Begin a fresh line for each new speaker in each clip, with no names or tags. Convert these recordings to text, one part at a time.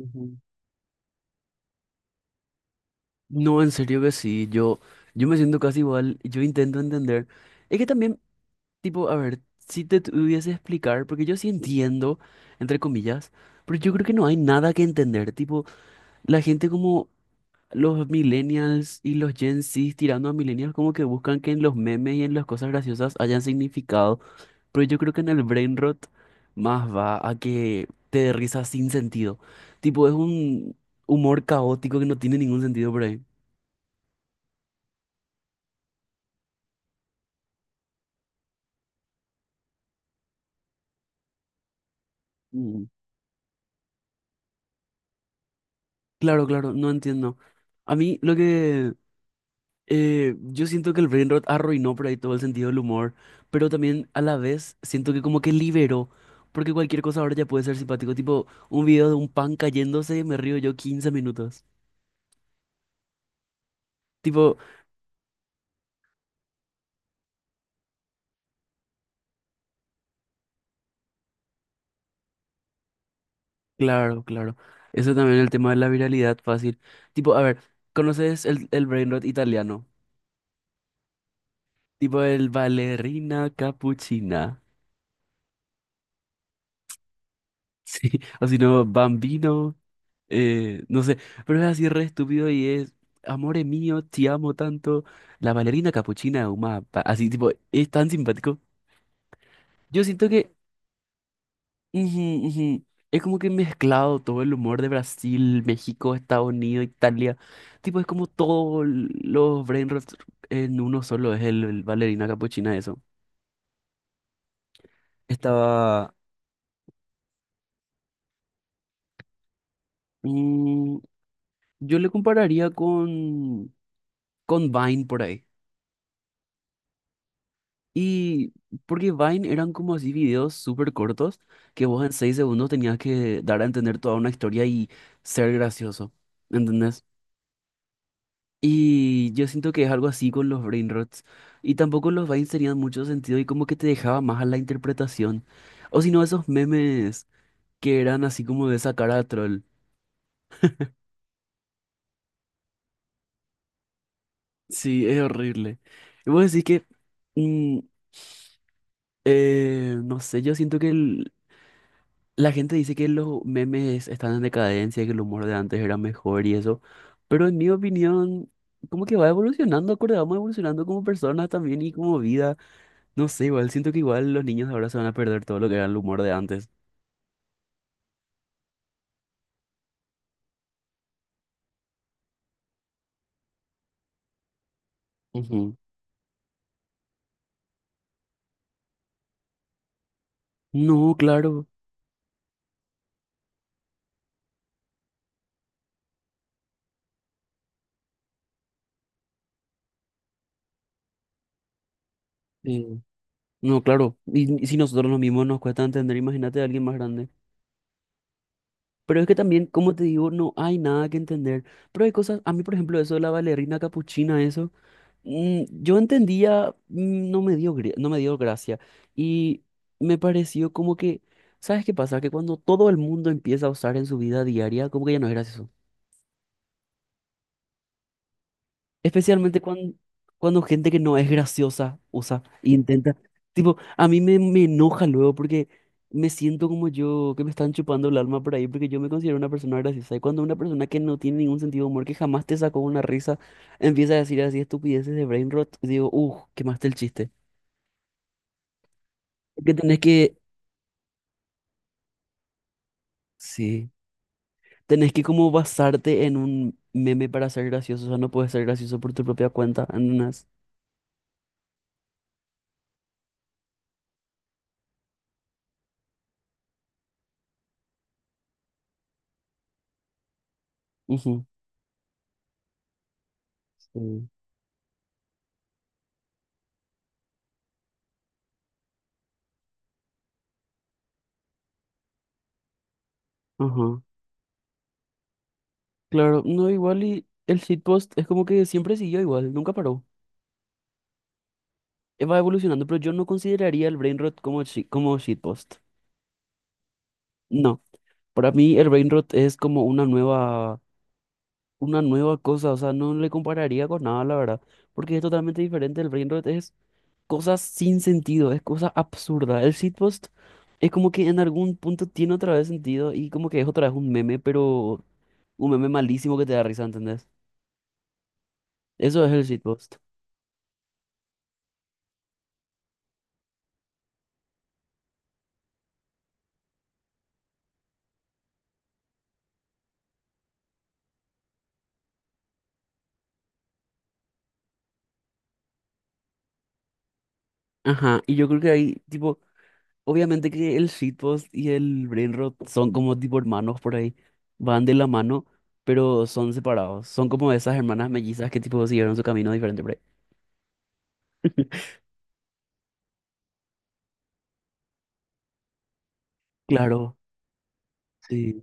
Ujú. No, en serio que sí, yo me siento casi igual, yo intento entender. Es que también, tipo, a ver, si te tuviese explicar, porque yo sí entiendo, entre comillas, pero yo creo que no hay nada que entender. Tipo, la gente como los millennials y los Gen Z tirando a millennials como que buscan que en los memes y en las cosas graciosas hayan significado, pero yo creo que en el brain rot más va a que te dé risa sin sentido. Tipo, es un humor caótico que no tiene ningún sentido por ahí. Mm. Claro, claro, no entiendo. A mí lo que yo siento que el brain rot arruinó por ahí todo el sentido del humor, pero también a la vez siento que como que liberó, porque cualquier cosa ahora ya puede ser simpático, tipo un video de un pan cayéndose, me río yo 15 minutos. Tipo, claro, claro. Eso también el tema de la viralidad fácil. Tipo, a ver, ¿conoces el brain rot italiano? Tipo el ballerina cappuccina. Sí, o si no, bambino. No sé, pero es así re estúpido y es, amore mío, te amo tanto. La bailarina capuchina de Uma, pa- así tipo, es tan simpático. Yo siento que ujú, ujú, es como que mezclado todo el humor de Brasil, México, Estados Unidos, Italia. Tipo, es como todos los brain rots en uno solo, es el bailarina capuchina eso. Estaba... mm, yo le compararía con Vine por ahí. Y porque Vine eran como así videos súper cortos que vos en 6 segundos tenías que dar a entender toda una historia y ser gracioso, ¿entendés? Y yo siento que es algo así con los brain rots. Y tampoco los Vines tenían mucho sentido y como que te dejaba más a la interpretación. O si no, esos memes que eran así como de esa cara de troll. Sí, es horrible. Y vos decís que, mm, no sé, yo siento que la gente dice que los memes están en decadencia, que el humor de antes era mejor y eso, pero en mi opinión, como que va evolucionando, acorde, vamos evolucionando como personas también y como vida. No sé, igual siento que igual los niños de ahora se van a perder todo lo que era el humor de antes. Ujú. No, claro. Sí. No, claro. Y si nosotros los mismos nos cuesta entender, imagínate a alguien más grande. Pero es que también, como te digo, no hay nada que entender. Pero hay cosas, a mí por ejemplo, eso de la bailarina capuchina, eso. Yo entendía, no me dio, gri- no me dio gracia y me pareció como que, ¿sabes qué pasa? Que cuando todo el mundo empieza a usar en su vida diaria, como que ya no es gracioso. Especialmente cuando, cuando gente que no es graciosa usa e intenta. Tipo, a mí me enoja luego porque me siento como yo, que me están chupando el alma por ahí porque yo me considero una persona graciosa. Y cuando una persona que no tiene ningún sentido de humor, que jamás te sacó una risa, empieza a decir así estupideces de brain rot, digo, uff, quemaste el chiste. Que tenés que, sí, tenés que como basarte en un meme para ser gracioso, o sea, no puedes ser gracioso por tu propia cuenta, en unas... Ujú. Sí. Ajá. Claro, no, igual y el shitpost es como que siempre siguió igual, nunca paró. Va evolucionando, pero yo no consideraría el brain rot como, shi- como shitpost. No, para mí el brain rot es como una nueva cosa, o sea, no le compararía con nada, la verdad, porque es totalmente diferente. El brain rot es cosas sin sentido, es cosa absurda. El shitpost es como que en algún punto tiene otra vez sentido y como que es otra vez un meme, pero un meme malísimo que te da risa, ¿entendés? Eso es el shitpost. Ajá, y yo creo que ahí, tipo, obviamente que el shitpost y el brain rot son como tipo hermanos por ahí, van de la mano, pero son separados. Son como esas hermanas mellizas que tipo siguieron su camino diferente por ahí. Claro, sí,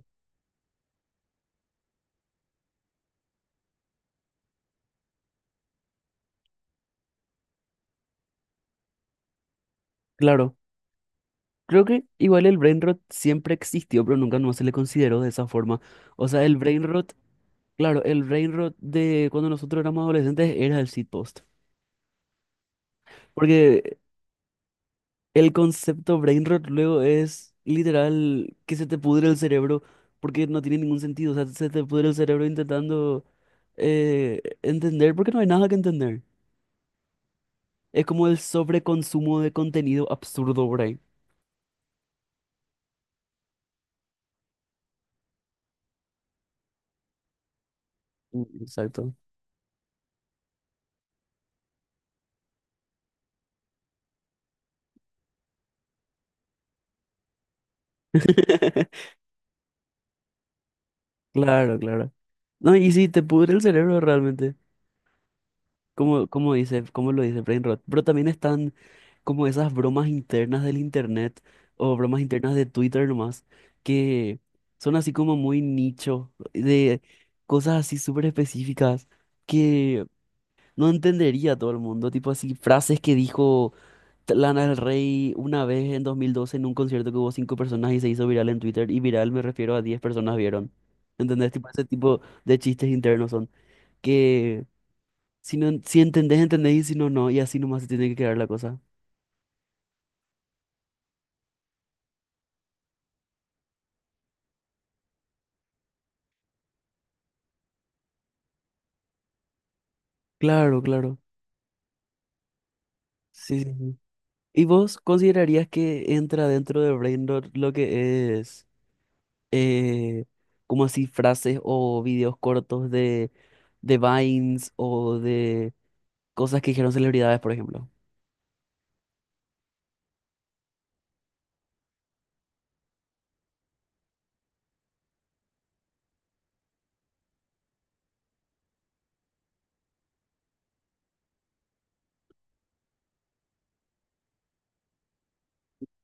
claro. Creo que igual el brain rot siempre existió, pero nunca no se le consideró de esa forma. O sea, el brain rot, claro, el brain rot de cuando nosotros éramos adolescentes era el shitpost. Porque el concepto brain rot luego es literal que se te pudre el cerebro porque no tiene ningún sentido. O sea, se te pudre el cerebro intentando entender porque no hay nada que entender. Es como el sobreconsumo de contenido absurdo brain. Mm, exacto. Claro, claro. No, y sí, te pudre el cerebro realmente. Como, como dice, como lo dice brain rot. Pero también están como esas bromas internas del internet o bromas internas de Twitter nomás, que son así como muy nicho, de cosas así súper específicas que no entendería todo el mundo. Tipo así, frases que dijo Lana del Rey una vez en 2012 en un concierto que hubo cinco personas y se hizo viral en Twitter. Y viral me refiero a 10 personas vieron. ¿Entendés? Tipo ese tipo de chistes internos son que si no, en- si entendés, entendés, y si no, no, y así nomás se tiene que quedar la cosa. Claro, claro. Sí, sí, sí. ¿Y vos considerarías que entra dentro de Braindot lo que es eh, como así frases o videos cortos de Vines o de cosas que dijeron celebridades, por ejemplo?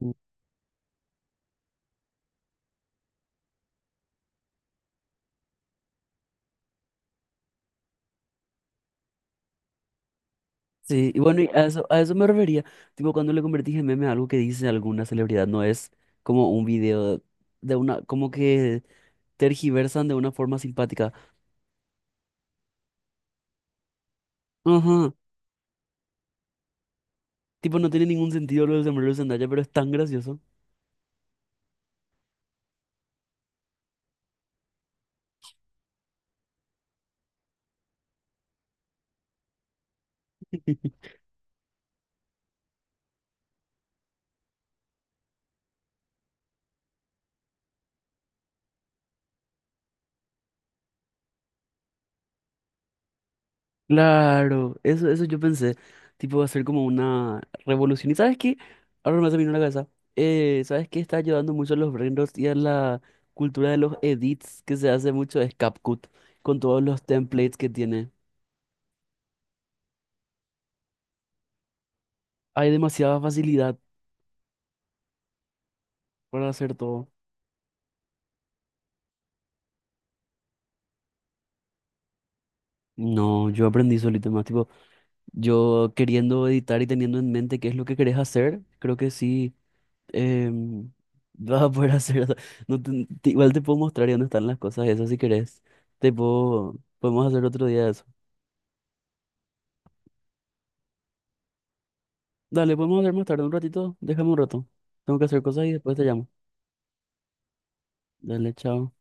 Mm. Sí, y bueno, y a eso me refería. Tipo, cuando le convertís en meme a algo que dice alguna celebridad, no es como un video de una, como que tergiversan de una forma simpática. Ajá. Tipo, no tiene ningún sentido lo del sombrero de Zendaya, pero es tan gracioso. Claro, eso yo pensé. Tipo, va a ser como una revolución. ¿Y sabes qué? Ahora me se me vino a la cabeza. ¿Sabes qué? Está ayudando mucho a los brain y a la cultura de los edits que se hace mucho es CapCut, con todos los templates que tiene. Hay demasiada facilidad para hacer todo. No, yo aprendí solito más. Tipo, yo queriendo editar y teniendo en mente qué es lo que querés hacer, creo que sí. em, Vas a poder hacer, o sea, no igual te puedo mostrar y dónde están las cosas esas si querés. Te puedo, podemos hacer otro día eso. Dale, podemos hacer más tarde un ratito. Déjame un rato. Tengo que hacer cosas y después te llamo. Dale, chao.